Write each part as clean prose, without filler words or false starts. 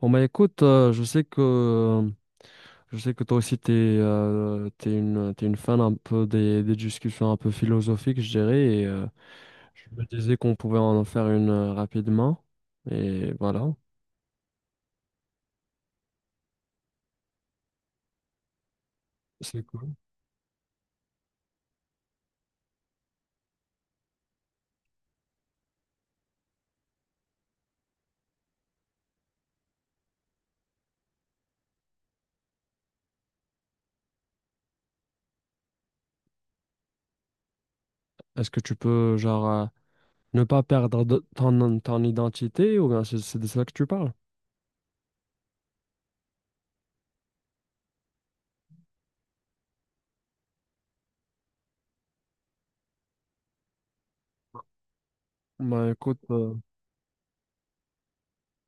Bon bah écoute, je sais que toi aussi t'es une fan un peu des discussions un peu philosophiques, je dirais, et je me disais qu'on pouvait en faire une rapidement. Et voilà. C'est cool. Est-ce que tu peux genre ne pas perdre ton identité ou bien c'est de ça que tu parles? Bah écoute,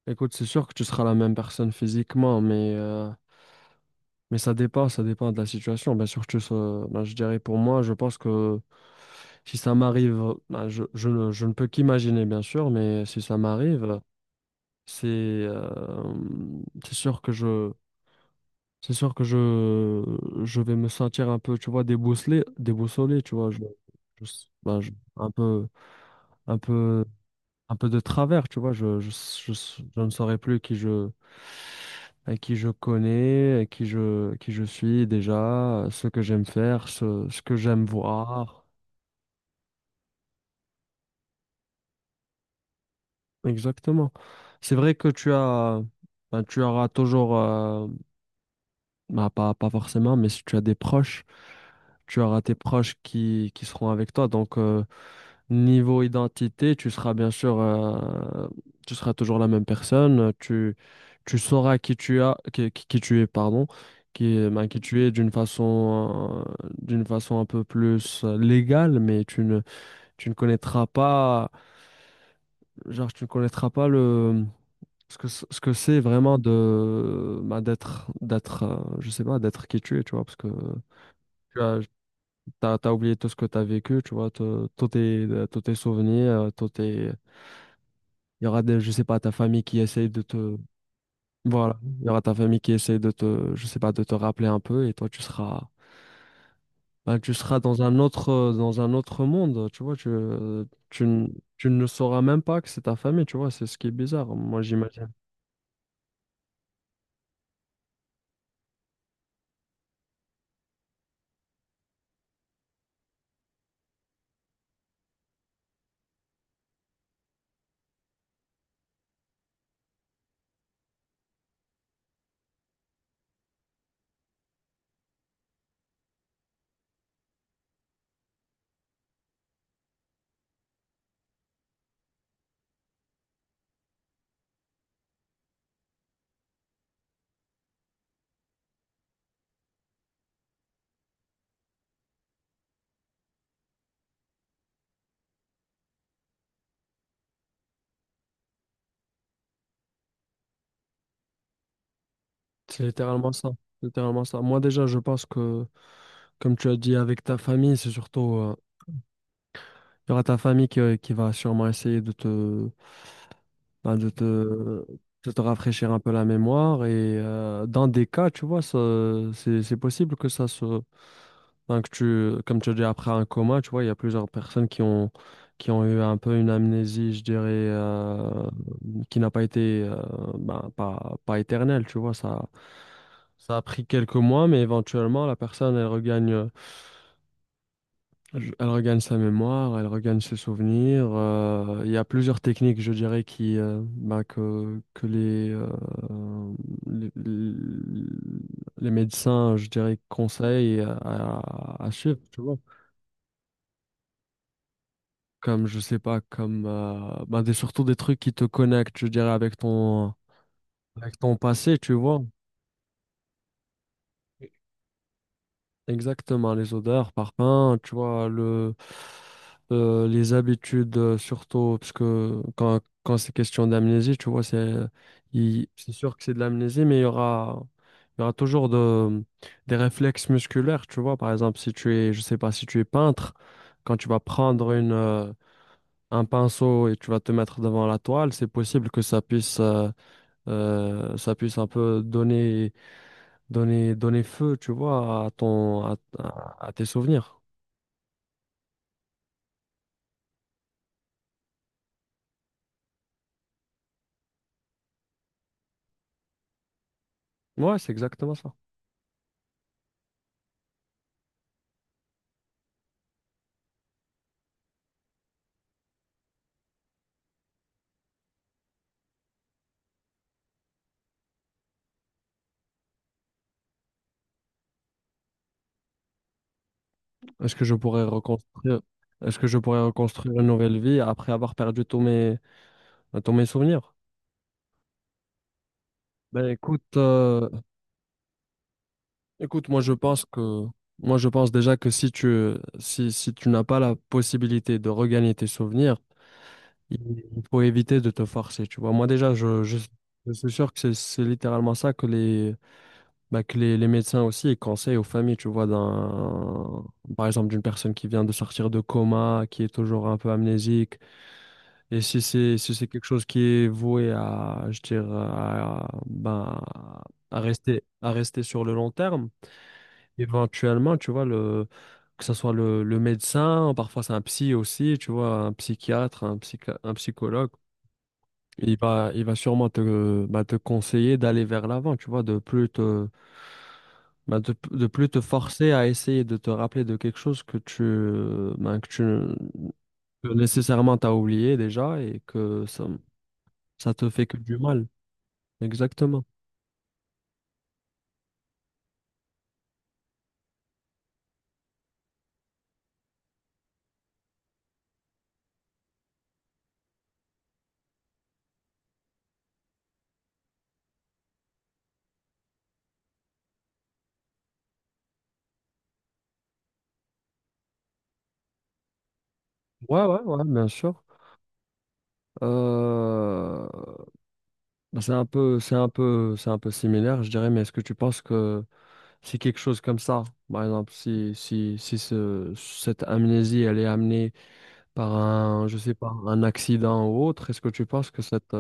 écoute, c'est sûr que tu seras la même personne physiquement, mais mais ça dépend de la situation. Bien sûr, je dirais pour moi, je pense que si ça m'arrive, ben, je ne peux qu'imaginer, bien sûr, mais si ça m'arrive, c'est euh, c'est sûr que je c'est sûr que je vais me sentir un peu, tu vois, déboussolé, déboussolé, tu vois, je- ben, je- un peu un peu un peu de travers, tu vois, je ne saurais plus à qui je connais, qui je suis déjà, ce que j'aime faire, ce que j'aime voir. Exactement. C'est vrai que ben, tu auras toujours, ben, pas forcément, mais si tu as des proches tu auras tes proches qui seront avec toi. Donc, niveau identité, tu seras bien sûr, tu seras toujours la même personne. Tu sauras qui tu es, pardon, ben, qui tu es d'une façon un peu plus légale, mais tu ne connaîtras pas, genre, tu ne connaîtras pas le ce que c'est vraiment de bah, d'être je sais pas d'être qui tu es tu vois parce que tu as, t'as, t'as oublié tout ce que t'as vécu, tu vois, tous tes souvenirs, tous tes... Il y aura des, je sais pas, ta famille qui essaye de te... Voilà, il y aura ta famille qui essaye de te, je sais pas, de te rappeler un peu et toi, tu seras... Ben tu seras dans un autre monde, tu vois, tu, n- tu ne sauras même pas que c'est ta famille, tu vois, c'est ce qui est bizarre, moi, j'imagine. C'est littéralement ça, littéralement ça. Moi, déjà, comme tu as dit, avec ta famille, c'est surtout... il y aura ta famille qui va sûrement essayer de te ben, de te rafraîchir un peu la mémoire. Et dans des cas, tu vois, ça, c'est possible que ça se... Ben, que tu, comme tu as dit, après un coma, tu vois, il y a plusieurs personnes qui ont eu un peu une amnésie, je dirais, qui n'a pas été, ben, pas éternelle, tu vois. Ça a pris quelques mois, mais éventuellement, la personne, elle regagne... Je- elle regagne sa mémoire, elle regagne ses souvenirs. Il y a plusieurs techniques, je dirais, que les, les, les médecins, je dirais, conseillent à suivre, tu vois. Comme, je sais pas, surtout des trucs qui te connectent, je dirais, avec ton passé, tu vois. Exactement, les odeurs, parfums, tu vois, les habitudes, surtout, parce que quand c'est question d'amnésie, tu vois, c'est sûr que c'est de l'amnésie, mais il y aura toujours des réflexes musculaires, tu vois. Par exemple, si tu es, je sais pas, si tu es peintre, quand tu vas prendre un pinceau et tu vas te mettre devant la toile, c'est possible que ça puisse un peu donner donner feu, tu vois, à ton, à tes souvenirs. Ouais, c'est exactement ça. Est-ce que je pourrais reconstruire, est-ce que je pourrais reconstruire une nouvelle vie après avoir perdu tous mes souvenirs? Ben écoute, écoute, moi je pense déjà que si tu, si tu n'as pas la possibilité de regagner tes souvenirs, il il faut éviter de te forcer, tu vois. Moi déjà, je suis sûr que c'est littéralement ça que les Bah, les médecins aussi ils conseillent aux familles, tu vois, par exemple, d'une personne qui vient de sortir de coma, qui est toujours un peu amnésique. Et si c'est quelque chose qui est voué à, je dirais, à, ben, à rester sur le long terme, éventuellement, tu vois, que ce soit le médecin, parfois c'est un psy aussi, tu vois, un psychiatre, un psychologue, il va sûrement te, bah, te conseiller d'aller vers l'avant, tu vois, de plus te bah, de plus te forcer à essayer de te rappeler de quelque chose que tu, ben, que nécessairement t'as oublié déjà et que ça te fait que du mal. Exactement. Ouais, ouais, ouais, bien sûr. Euh, bah, c'est un peu similaire, je dirais, mais est-ce que tu penses que si quelque chose comme ça, par exemple, si cette amnésie, elle est amenée par un, je sais pas, un accident ou autre, est-ce que tu penses que cette,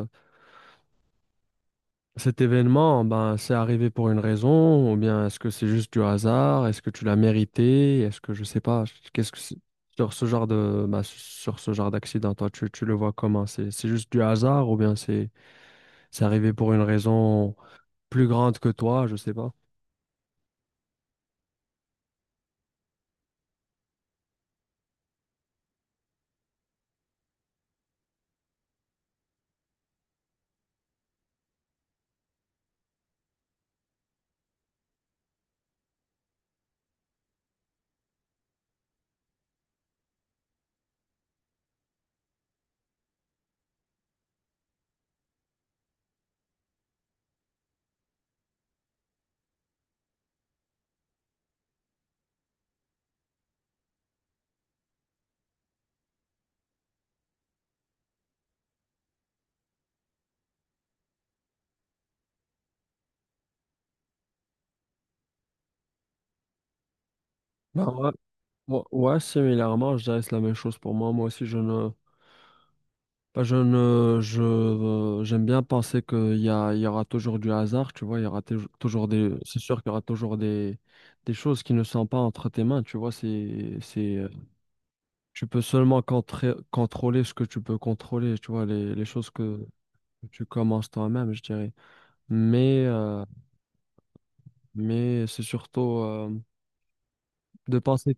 cet événement, ben, c'est arrivé pour une raison, ou bien est-ce que c'est juste du hasard? Est-ce que tu l'as mérité? Est-ce que je sais pas, qu'est-ce que c'est- sur ce genre de, ben, sur ce genre d'accident, toi, tu le vois comment? C'est juste du hasard ou bien c'est arrivé pour une raison plus grande que toi, je sais pas. Ben ouais, ouais, similairement, je dirais que c'est la même chose pour moi. Moi aussi, je ne, j'aime bien penser il y aura toujours du hasard, tu vois, il y aura tou- toujours des, c'est sûr qu'il y aura toujours des choses qui ne sont pas entre tes mains, tu vois, tu peux seulement contrôler ce que tu peux contrôler, tu vois, les choses que tu commences toi-même, je dirais. Mais, euh, mais c'est surtout de penser,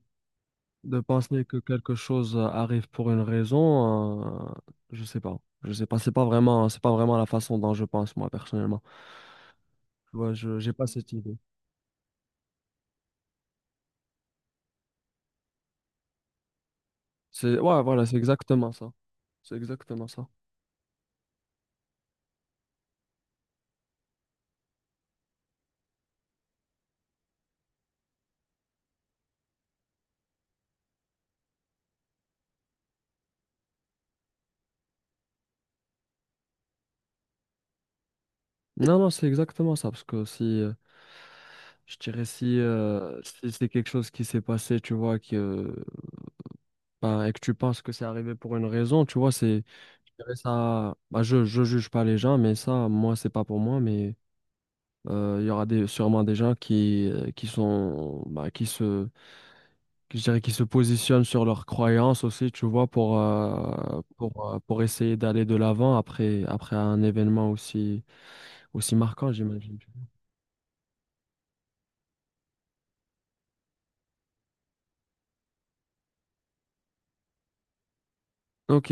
de penser que quelque chose arrive pour une raison, je sais pas, c'est pas vraiment la façon dont je pense moi personnellement. Ouais, je j'ai pas cette idée. C'est ouais, voilà, c'est exactement ça. C'est exactement ça. Non, non, c'est exactement ça parce que si je dirais si, si c'est quelque chose qui s'est passé, tu vois, ben, et que tu penses que c'est arrivé pour une raison, tu vois, c'est je dirais ça. Bah, je juge pas les gens, mais ça, moi, c'est pas pour moi, mais il y aura des, sûrement des gens qui sont bah, qui se je dirais qu'ils se positionnent sur leurs croyances aussi, tu vois, pour essayer d'aller de l'avant après, après un événement aussi, aussi marquant, j'imagine. Ok,